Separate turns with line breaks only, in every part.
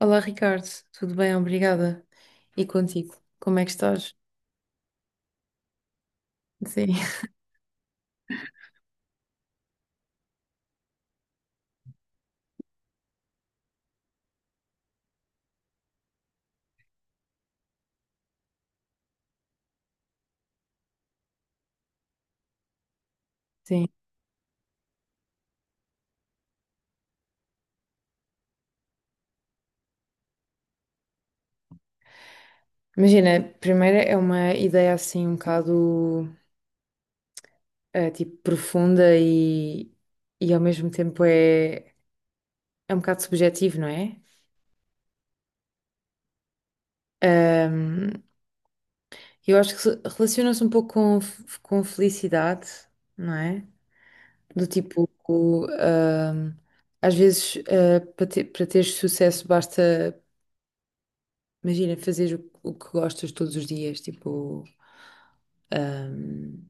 Olá Ricardo, tudo bem? Obrigada. E contigo, como é que estás? Sim. Sim. Imagina, primeiro é uma ideia assim um bocado tipo profunda e ao mesmo tempo é um bocado subjetivo, não é? Ahm, Eu acho que relaciona-se um pouco com, com felicidade, não é? Do tipo, às vezes, para teres sucesso, basta, imagina, fazer o que gostas todos os dias. Tipo, ahm,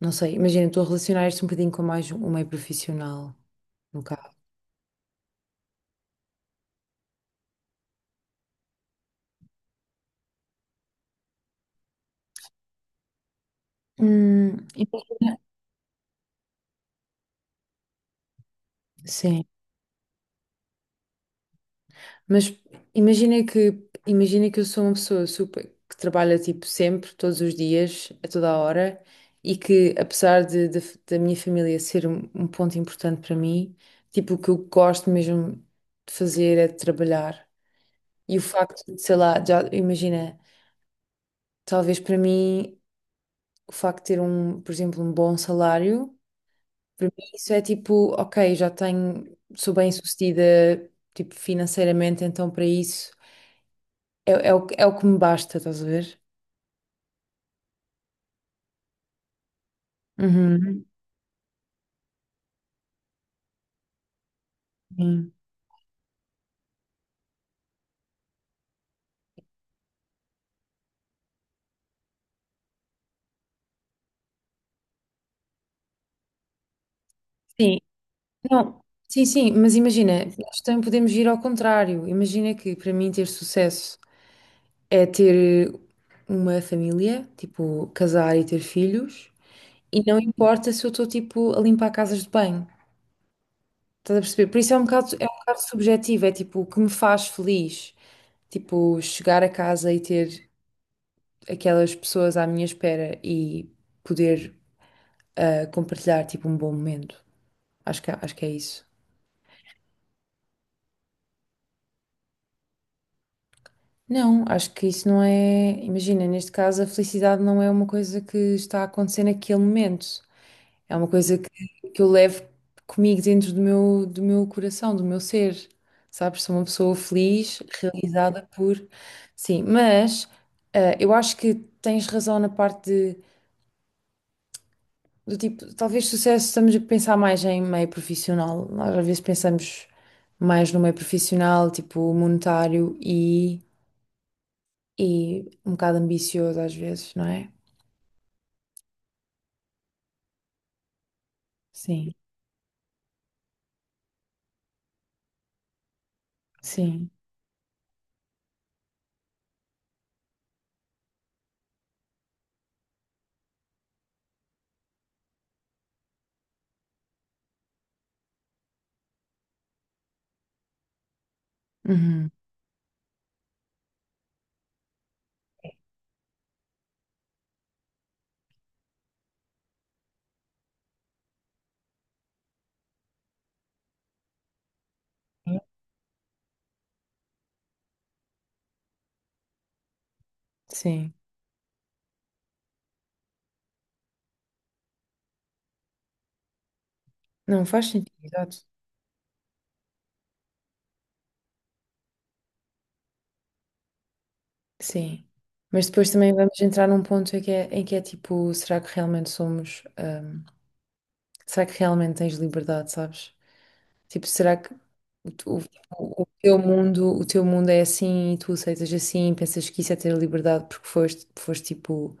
não sei, imagina, estou a relacionar isto um bocadinho com mais um meio profissional, no caso. Hum, e- sim. Mas imagina que, imagina que eu sou uma pessoa super, que trabalha tipo sempre, todos os dias, a toda a hora, e que apesar da minha família ser um ponto importante para mim, tipo, o que eu gosto mesmo de fazer é de trabalhar. E o facto de, sei lá, já imagina, talvez para mim, o facto de ter um, por exemplo, um bom salário, para mim isso é tipo, ok, já tenho, sou bem-sucedida, tipo, financeiramente, então para isso. É o que me basta, estás a ver? Uhum. Sim. Sim, não. Sim, sim, mas imagina, nós também podemos ir ao contrário. Imagina que para mim ter sucesso é ter uma família, tipo, casar e ter filhos, e não importa se eu estou tipo a limpar casas de banho. Estás a perceber? Por isso é um bocado subjetivo, é tipo o que me faz feliz. Tipo, chegar a casa e ter aquelas pessoas à minha espera e poder compartilhar tipo um bom momento. Acho que é isso. Não, acho que isso não é. Imagina, neste caso, a felicidade não é uma coisa que está a acontecer naquele momento. É uma coisa que eu levo comigo dentro do meu coração, do meu ser. Sabes? Sou uma pessoa feliz, realizada por. Sim, mas eu acho que tens razão na parte de, do tipo, talvez sucesso, estamos a pensar mais em meio profissional. Nós às vezes pensamos mais no meio profissional, tipo monetário e um bocado ambicioso às vezes, não é? Sim, sim. Uhum. Sim. Não faz sentido, exato. Sim. Mas depois também vamos entrar num ponto em que é tipo, será que realmente somos, será que realmente tens liberdade, sabes? Tipo, será que o, tu- o teu mundo é assim e tu aceitas assim, pensas que isso é ter liberdade porque foste tipo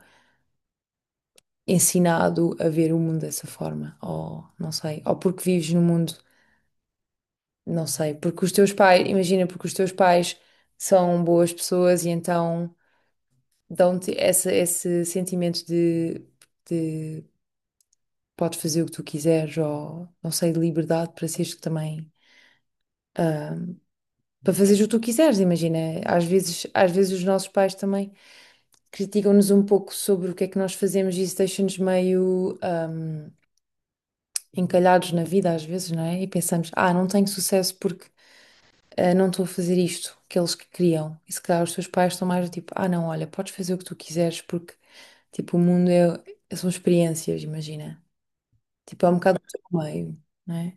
ensinado a ver o mundo dessa forma, ou não sei, ou porque vives num mundo. Não sei, porque os teus pais, imagina, porque os teus pais são boas pessoas e então dão-te esse sentimento de podes fazer o que tu quiseres ou, não sei, de liberdade para seres também, ah, para fazeres o que tu quiseres, imagina. Às vezes os nossos pais também criticam-nos um pouco sobre o que é que nós fazemos e isso deixa-nos meio, encalhados na vida às vezes, não é? E pensamos, não tenho sucesso porque não estou a fazer isto que eles que queriam. E se calhar os teus pais estão mais do tipo, não, olha, podes fazer o que tu quiseres porque, tipo, o mundo é, são experiências, imagina. Tipo, é um bocado do teu meio, não é?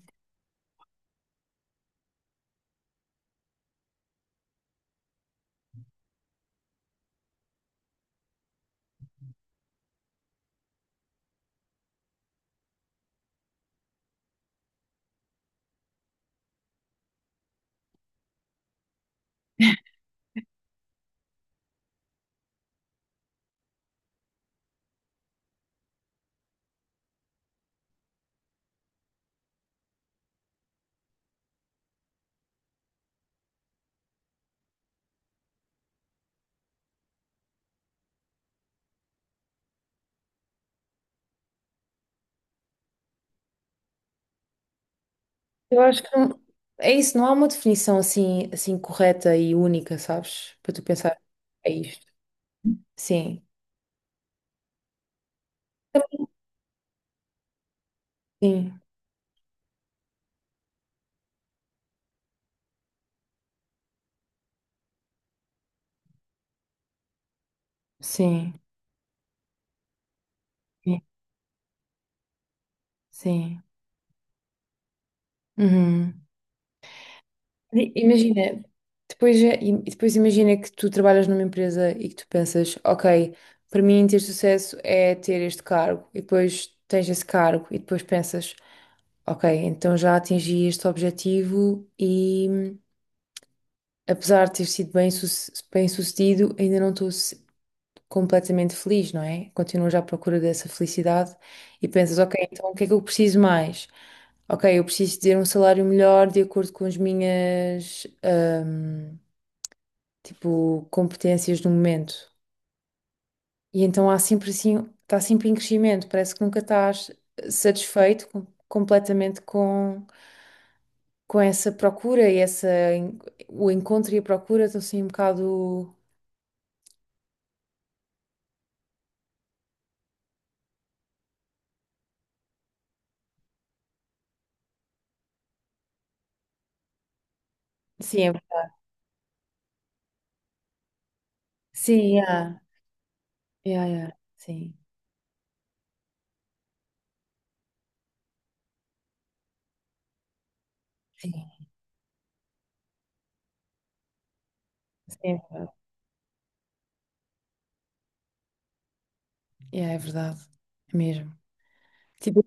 Eu acho que não- é isso, não há uma definição assim, assim correta e única, sabes? Para tu pensar, é isto. Sim, sim, sim, sim, sim. Uhum. Imagina, depois, e depois imagina que tu trabalhas numa empresa e que tu pensas, ok, para mim ter sucesso é ter este cargo, e depois tens esse cargo, e depois pensas, ok, então já atingi este objetivo e apesar de ter sido bem sucedido, ainda não estou completamente feliz, não é? Continuas à procura dessa felicidade e pensas, ok, então o que é que eu preciso mais? Ok, eu preciso ter um salário melhor de acordo com as minhas. Tipo, competências do momento. E então há sempre assim, está sempre em crescimento, parece que nunca estás satisfeito completamente com essa procura e essa, en- o encontro e a procura estão assim um bocado. Sim, sim, yeah, yeah, yeah, sim, sim, sim, yeah, é verdade, é mesmo. Tipo,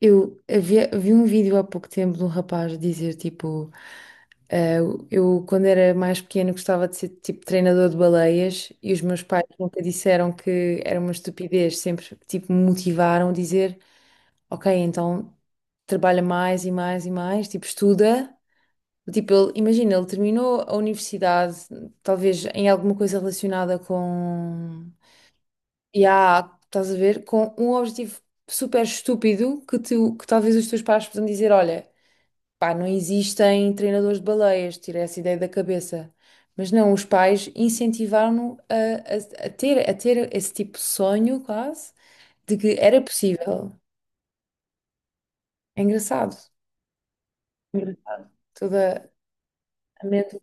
vi um vídeo há pouco tempo de um rapaz dizer, tipo. Ah, eu, quando era mais pequena, gostava de ser tipo treinador de baleias e os meus pais nunca disseram que era uma estupidez, sempre tipo me motivaram a dizer: Ok, então trabalha mais e mais e mais, tipo estuda. Tipo, ele, imagina, ele terminou a universidade, talvez em alguma coisa relacionada com. E há, estás a ver, com um objetivo super estúpido que talvez os teus pais possam dizer: Olha. Pá, não existem treinadores de baleias, tirei essa ideia da cabeça. Mas não, os pais incentivaram-no a ter esse tipo de sonho, quase, de que era possível. É engraçado. Engraçado. Toda a mente.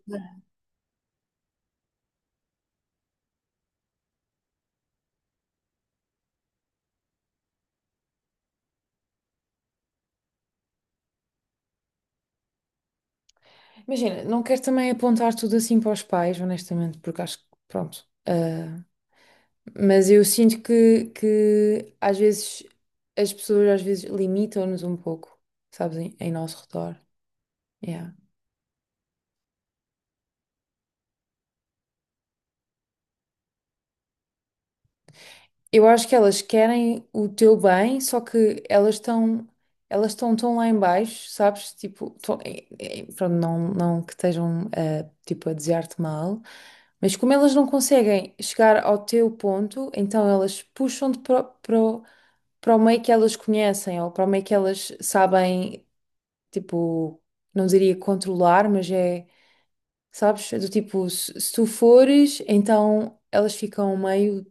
Imagina, não quero também apontar tudo assim para os pais, honestamente, porque acho que, pronto. Mas eu sinto que às vezes as pessoas às vezes limitam-nos um pouco, sabes, em nosso redor. Yeah. Eu acho que elas querem o teu bem, só que elas estão tão lá em baixo, sabes? Tipo, pronto, não, não que estejam tipo, a desejar-te mal, mas como elas não conseguem chegar ao teu ponto, então elas puxam-te para o meio que elas conhecem ou para o meio que elas sabem, tipo, não diria controlar, mas é, sabes? É do tipo, se tu fores, então elas ficam meio.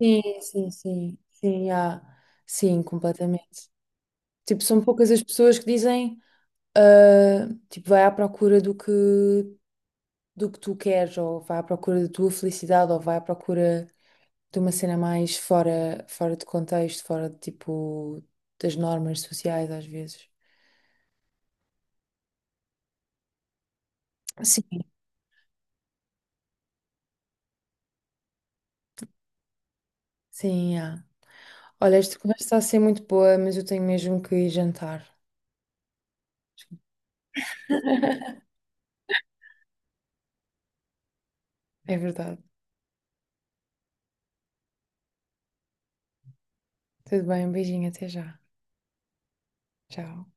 Sim, sim, sim, sim, há, sim, completamente. Tipo, são poucas as pessoas que dizem, tipo, vai à procura do que, tu queres, ou vai à procura da tua felicidade, ou vai à procura de uma cena mais fora, fora de contexto, fora de, tipo, das normas sociais, às vezes. Sim, sim, há. Olha, esta conversa está a ser muito boa, mas eu tenho mesmo que ir jantar. É verdade. Tudo bem, um beijinho, até já. Tchau.